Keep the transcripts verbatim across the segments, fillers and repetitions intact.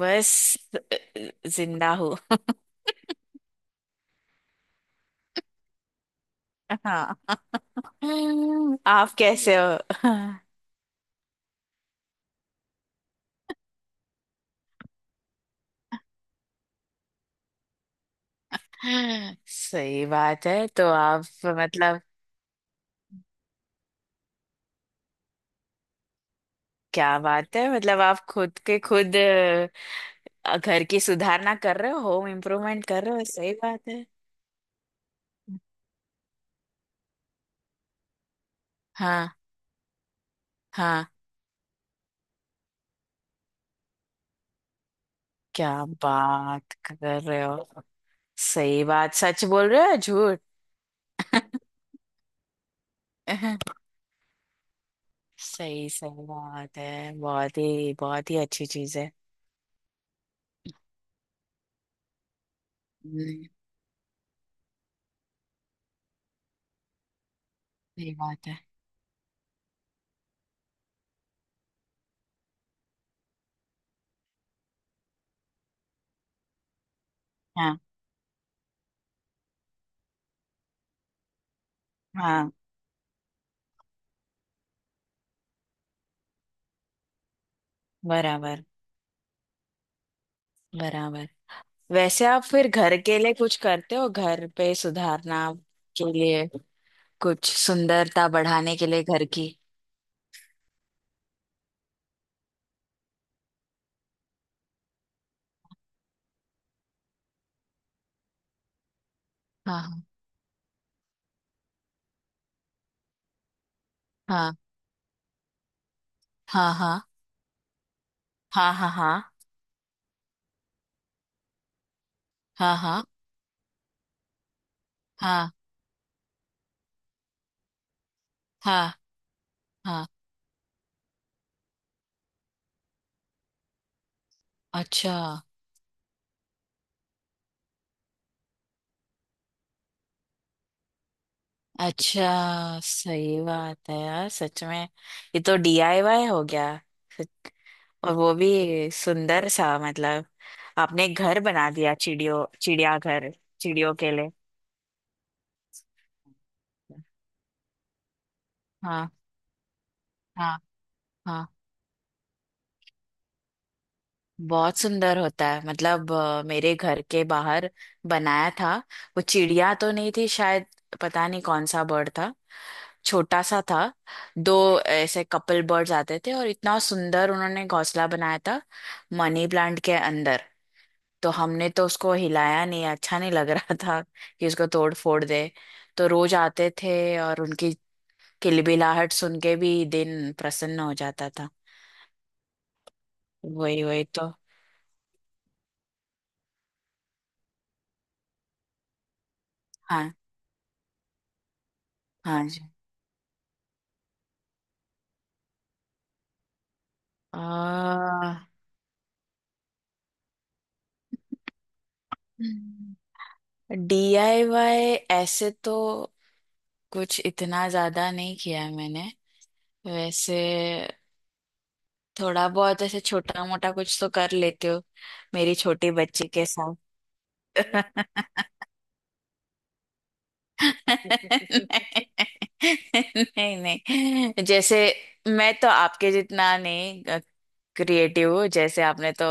बस, अ, जिंदा हूँ। हाँ। आप कैसे हो? सही बात है। तो आप मतलब क्या बात है? मतलब आप खुद के खुद अ, घर की सुधारना कर रहे हो, होम इम्प्रूवमेंट कर रहे हो। सही बात है। हाँ, हाँ। क्या बात कर रहे हो? सही बात? सच बोल रहे हो या झूठ? सही, सही बात है। बहुत ही, बहुत ही अच्छी चीज है। हम्म। सही बात है। हाँ, हाँ। बराबर, बराबर। वैसे आप फिर घर के लिए कुछ करते हो? घर पे सुधारना के लिए, कुछ सुंदरता बढ़ाने के लिए घर की? हाँ, हाँ, हाँ, हाँ, हाँ, हाँ, हाँ, हाँ, हाँ, हाँ, हाँ, हाँ। अच्छा। अच्छा, सही बात है यार, सच में। ये तो डीआईवाई हो गया। सच- और वो भी सुंदर सा, मतलब आपने एक घर बना दिया, चिड़ियों चिड़ियाघर। चिड़ियों के लिए। हाँ, हाँ। हाँ, बहुत सुंदर होता है। मतलब अ, मेरे घर के बाहर बनाया था। वो चिड़िया तो नहीं थी शायद, पता नहीं कौन सा बर्ड था, छोटा सा था। दो ऐसे कपल बर्ड्स आते थे और इतना सुंदर उन्होंने घोंसला बनाया था, मनी प्लांट के अंदर। तो हमने तो उसको हिलाया नहीं, अच्छा नहीं लग रहा था कि उसको तोड़ फोड़ दे। तो रोज आते थे, और उनकी किलबिलाहट सुन के भी दिन प्रसन्न हो जाता था। वही, वही तो। हाँ, हाँ जी। आ, डीआईवाई ऐसे तो कुछ इतना ज्यादा नहीं किया है मैंने, वैसे। थोड़ा बहुत ऐसे छोटा मोटा कुछ तो कर लेते हो, मेरी छोटी बच्ची के साथ। नहीं, नहीं, नहीं, जैसे मैं तो आपके जितना नहीं क्रिएटिव। जैसे आपने तो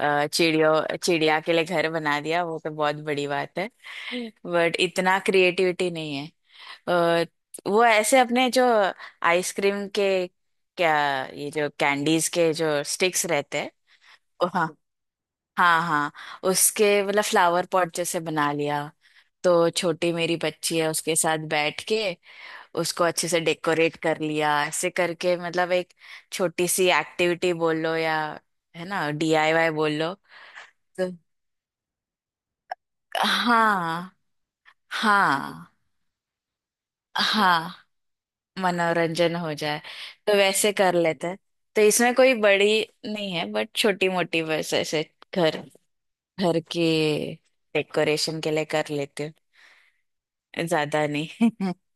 अ, चिड़ियों चिड़िया के लिए घर बना दिया, वो तो बहुत बड़ी बात है। बट इतना क्रिएटिविटी नहीं है। अ, वो ऐसे अपने जो आइसक्रीम के, क्या, ये जो कैंडीज के जो स्टिक्स रहते हैं, ओ, हाँ, हाँ, हाँ, उसके मतलब फ्लावर पॉट जैसे बना लिया। तो छोटी मेरी बच्ची है, उसके साथ बैठ के उसको अच्छे से डेकोरेट कर लिया, ऐसे करके। मतलब एक छोटी सी एक्टिविटी बोल लो, या है ना, डीआईवाई बोल लो। तो हाँ, हाँ, हाँ, मनोरंजन हो जाए। तो वैसे कर लेते हैं। तो इसमें कोई बड़ी नहीं है, बट छोटी मोटी बस ऐसे घर, घर के डेकोरेशन के लिए कर लेती हूँ। ज्यादा नहीं।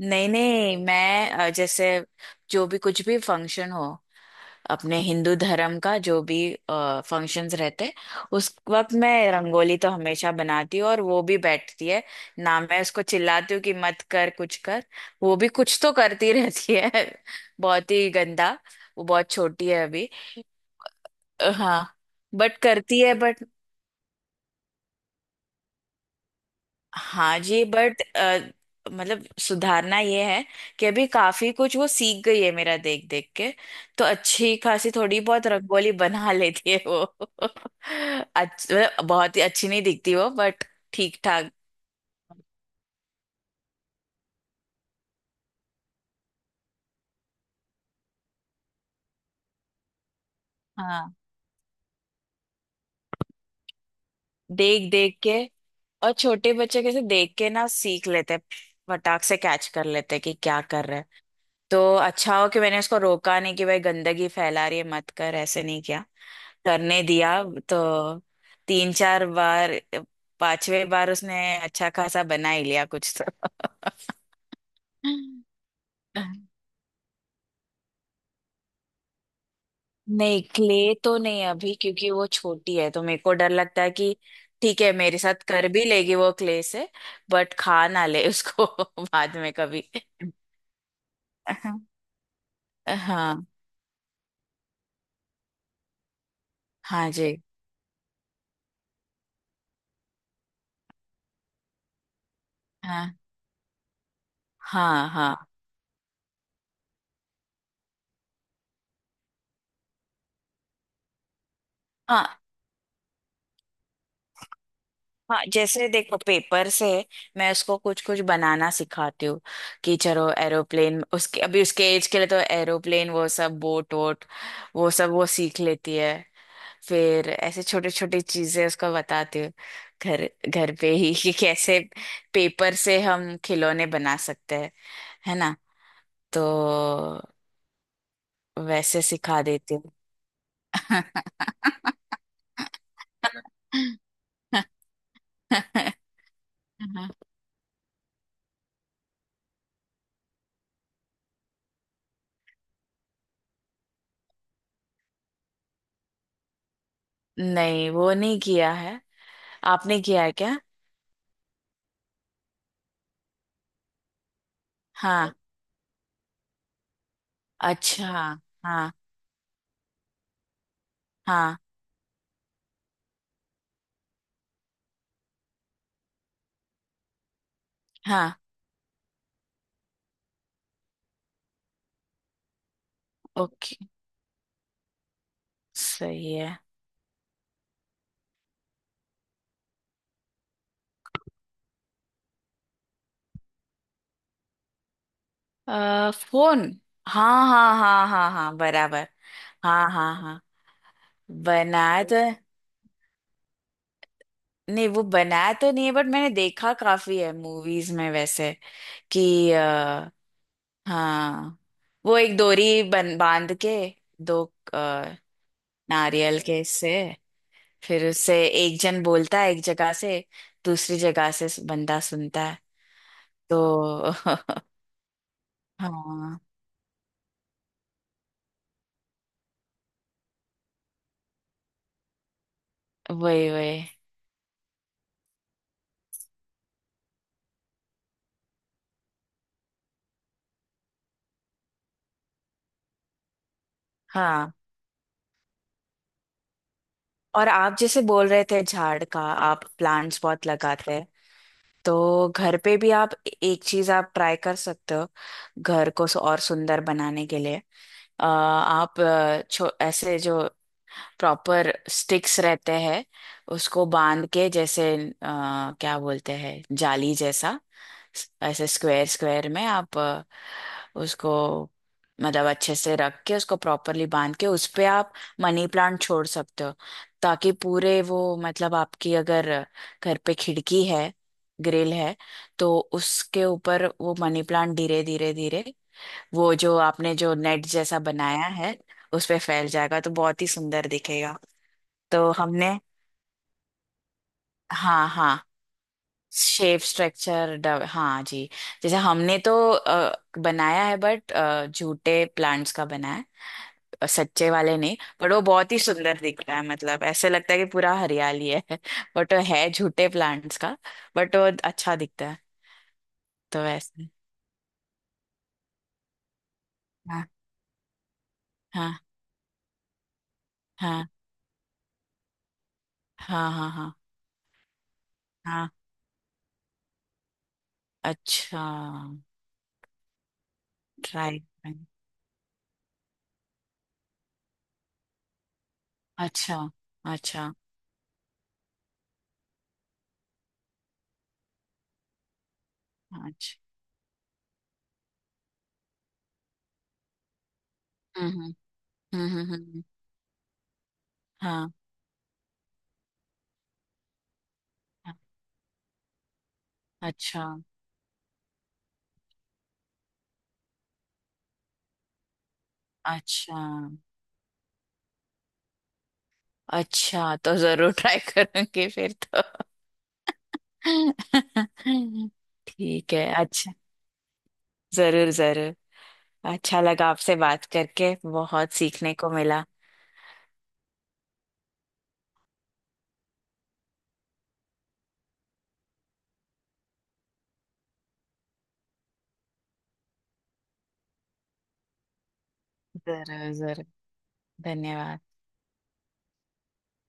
नहीं, नहीं, मैं अ, जैसे जो भी कुछ भी फंक्शन हो, अपने हिंदू धर्म का जो भी फंक्शंस रहते, उस वक्त मैं रंगोली तो हमेशा बनाती हूँ। और वो भी बैठती है ना, मैं उसको चिल्लाती हूँ कि मत कर, कुछ कर। वो भी कुछ तो करती रहती है। बहुत ही गंदा। वो बहुत छोटी है अभी। अ, हाँ, बट करती है, बट हाँ जी, बट मतलब सुधारना ये है कि अभी काफी कुछ वो सीख गई है मेरा देख देख के। तो अच्छी खासी थोड़ी बहुत रंगोली बना लेती है वो। अच्छ, मतलब बहुत ही अच्छी नहीं दिखती वो, बट ठीक ठाक। हाँ, देख देख के। और छोटे बच्चे कैसे देख के ना सीख लेते हैं, फटाक से कैच कर लेते हैं कि क्या कर रहे हैं। तो अच्छा हो कि मैंने उसको रोका नहीं कि भाई गंदगी फैला रही है, मत कर। ऐसे नहीं किया, करने दिया। तो तीन चार बार, पांचवें बार उसने अच्छा खासा बना ही लिया कुछ तो। नहीं, क्ले तो नहीं अभी, क्योंकि वो छोटी है तो मेरे को डर लगता है कि ठीक है, मेरे साथ कर भी लेगी वो क्ले से, बट खा ना ले उसको बाद में कभी। हाँ, हाँ, हाँ जी। हाँ, हाँ, हाँ, हाँ, हाँ, जैसे देखो, पेपर से मैं उसको कुछ कुछ बनाना सिखाती हूँ कि चलो एरोप्लेन, उसके अभी उसके एज के लिए तो एरोप्लेन वो सब, बोट वोट वो सब वो सीख लेती है। फिर ऐसे छोटी छोटी चीजें उसको बताती हूँ, घर, घर पे ही कि कैसे पेपर से हम खिलौने बना सकते हैं, है ना। तो वैसे सिखा देती हूँ। नहीं, वो नहीं किया है। आपने किया है क्या? हाँ? हाँ, अच्छा। हाँ, हाँ, हाँ। ओके, सही है। अ, फोन? हाँ, हाँ, हाँ, हाँ, हाँ, बराबर। हाँ, हाँ, हाँ। बनाया तो नहीं वो बनाया तो नहीं है, बट मैंने देखा काफी है मूवीज में वैसे। कि अ, हाँ, वो एक डोरी बन बांध के, दो अ, नारियल के से, फिर उससे एक जन बोलता है एक जगह से, दूसरी जगह से बंदा सुनता है तो। हाँ, वही, वही। हाँ, और आप जैसे बोल रहे थे झाड़ का, आप प्लांट्स बहुत लगाते हैं, तो घर पे भी आप एक चीज आप ट्राई कर सकते हो घर को सु- और सुंदर बनाने के लिए। अ, आप अ, छो ऐसे जो प्रॉपर स्टिक्स रहते हैं, उसको बांध के, जैसे आ, क्या बोलते हैं, जाली जैसा, ऐसे स्क्वायर स्क्वायर में आप अ, उसको मतलब अच्छे से रख के, उसको प्रॉपरली बांध के, उस पे आप मनी प्लांट छोड़ सकते हो, ताकि पूरे वो, मतलब आपकी अगर घर पे खिड़की है, ग्रिल है, तो उसके ऊपर वो मनी प्लांट धीरे धीरे धीरे वो जो आपने जो नेट जैसा बनाया है उस पे फैल जाएगा तो बहुत ही सुंदर दिखेगा। तो हमने हाँ, हाँ, शेप स्ट्रक्चर, हाँ जी। जैसे हमने तो अ, बनाया है, बट झूठे प्लांट्स का बनाया है। अ, सच्चे वाले नहीं, पर वो बहुत ही सुंदर दिख रहा है, मतलब ऐसे लगता है कि पूरा हरियाली है। बट वो है झूठे प्लांट्स का, बट वो अच्छा दिखता है। तो वैसे हाँ, हाँ, हाँ, हाँ, हाँ, हाँ, हाँ, अच्छा, ट्राई, अच्छा, अच्छा, अच्छा। हम्म, हम्म, हम्म, हम्म, हम्म, हाँ, हाँ, अच्छा, अच्छा, अच्छा, तो जरूर ट्राई करूंगी फिर तो। ठीक है, अच्छा, जरूर, जरूर। अच्छा लगा आपसे बात करके, बहुत सीखने को मिला। जरूर, जरूर। धन्यवाद।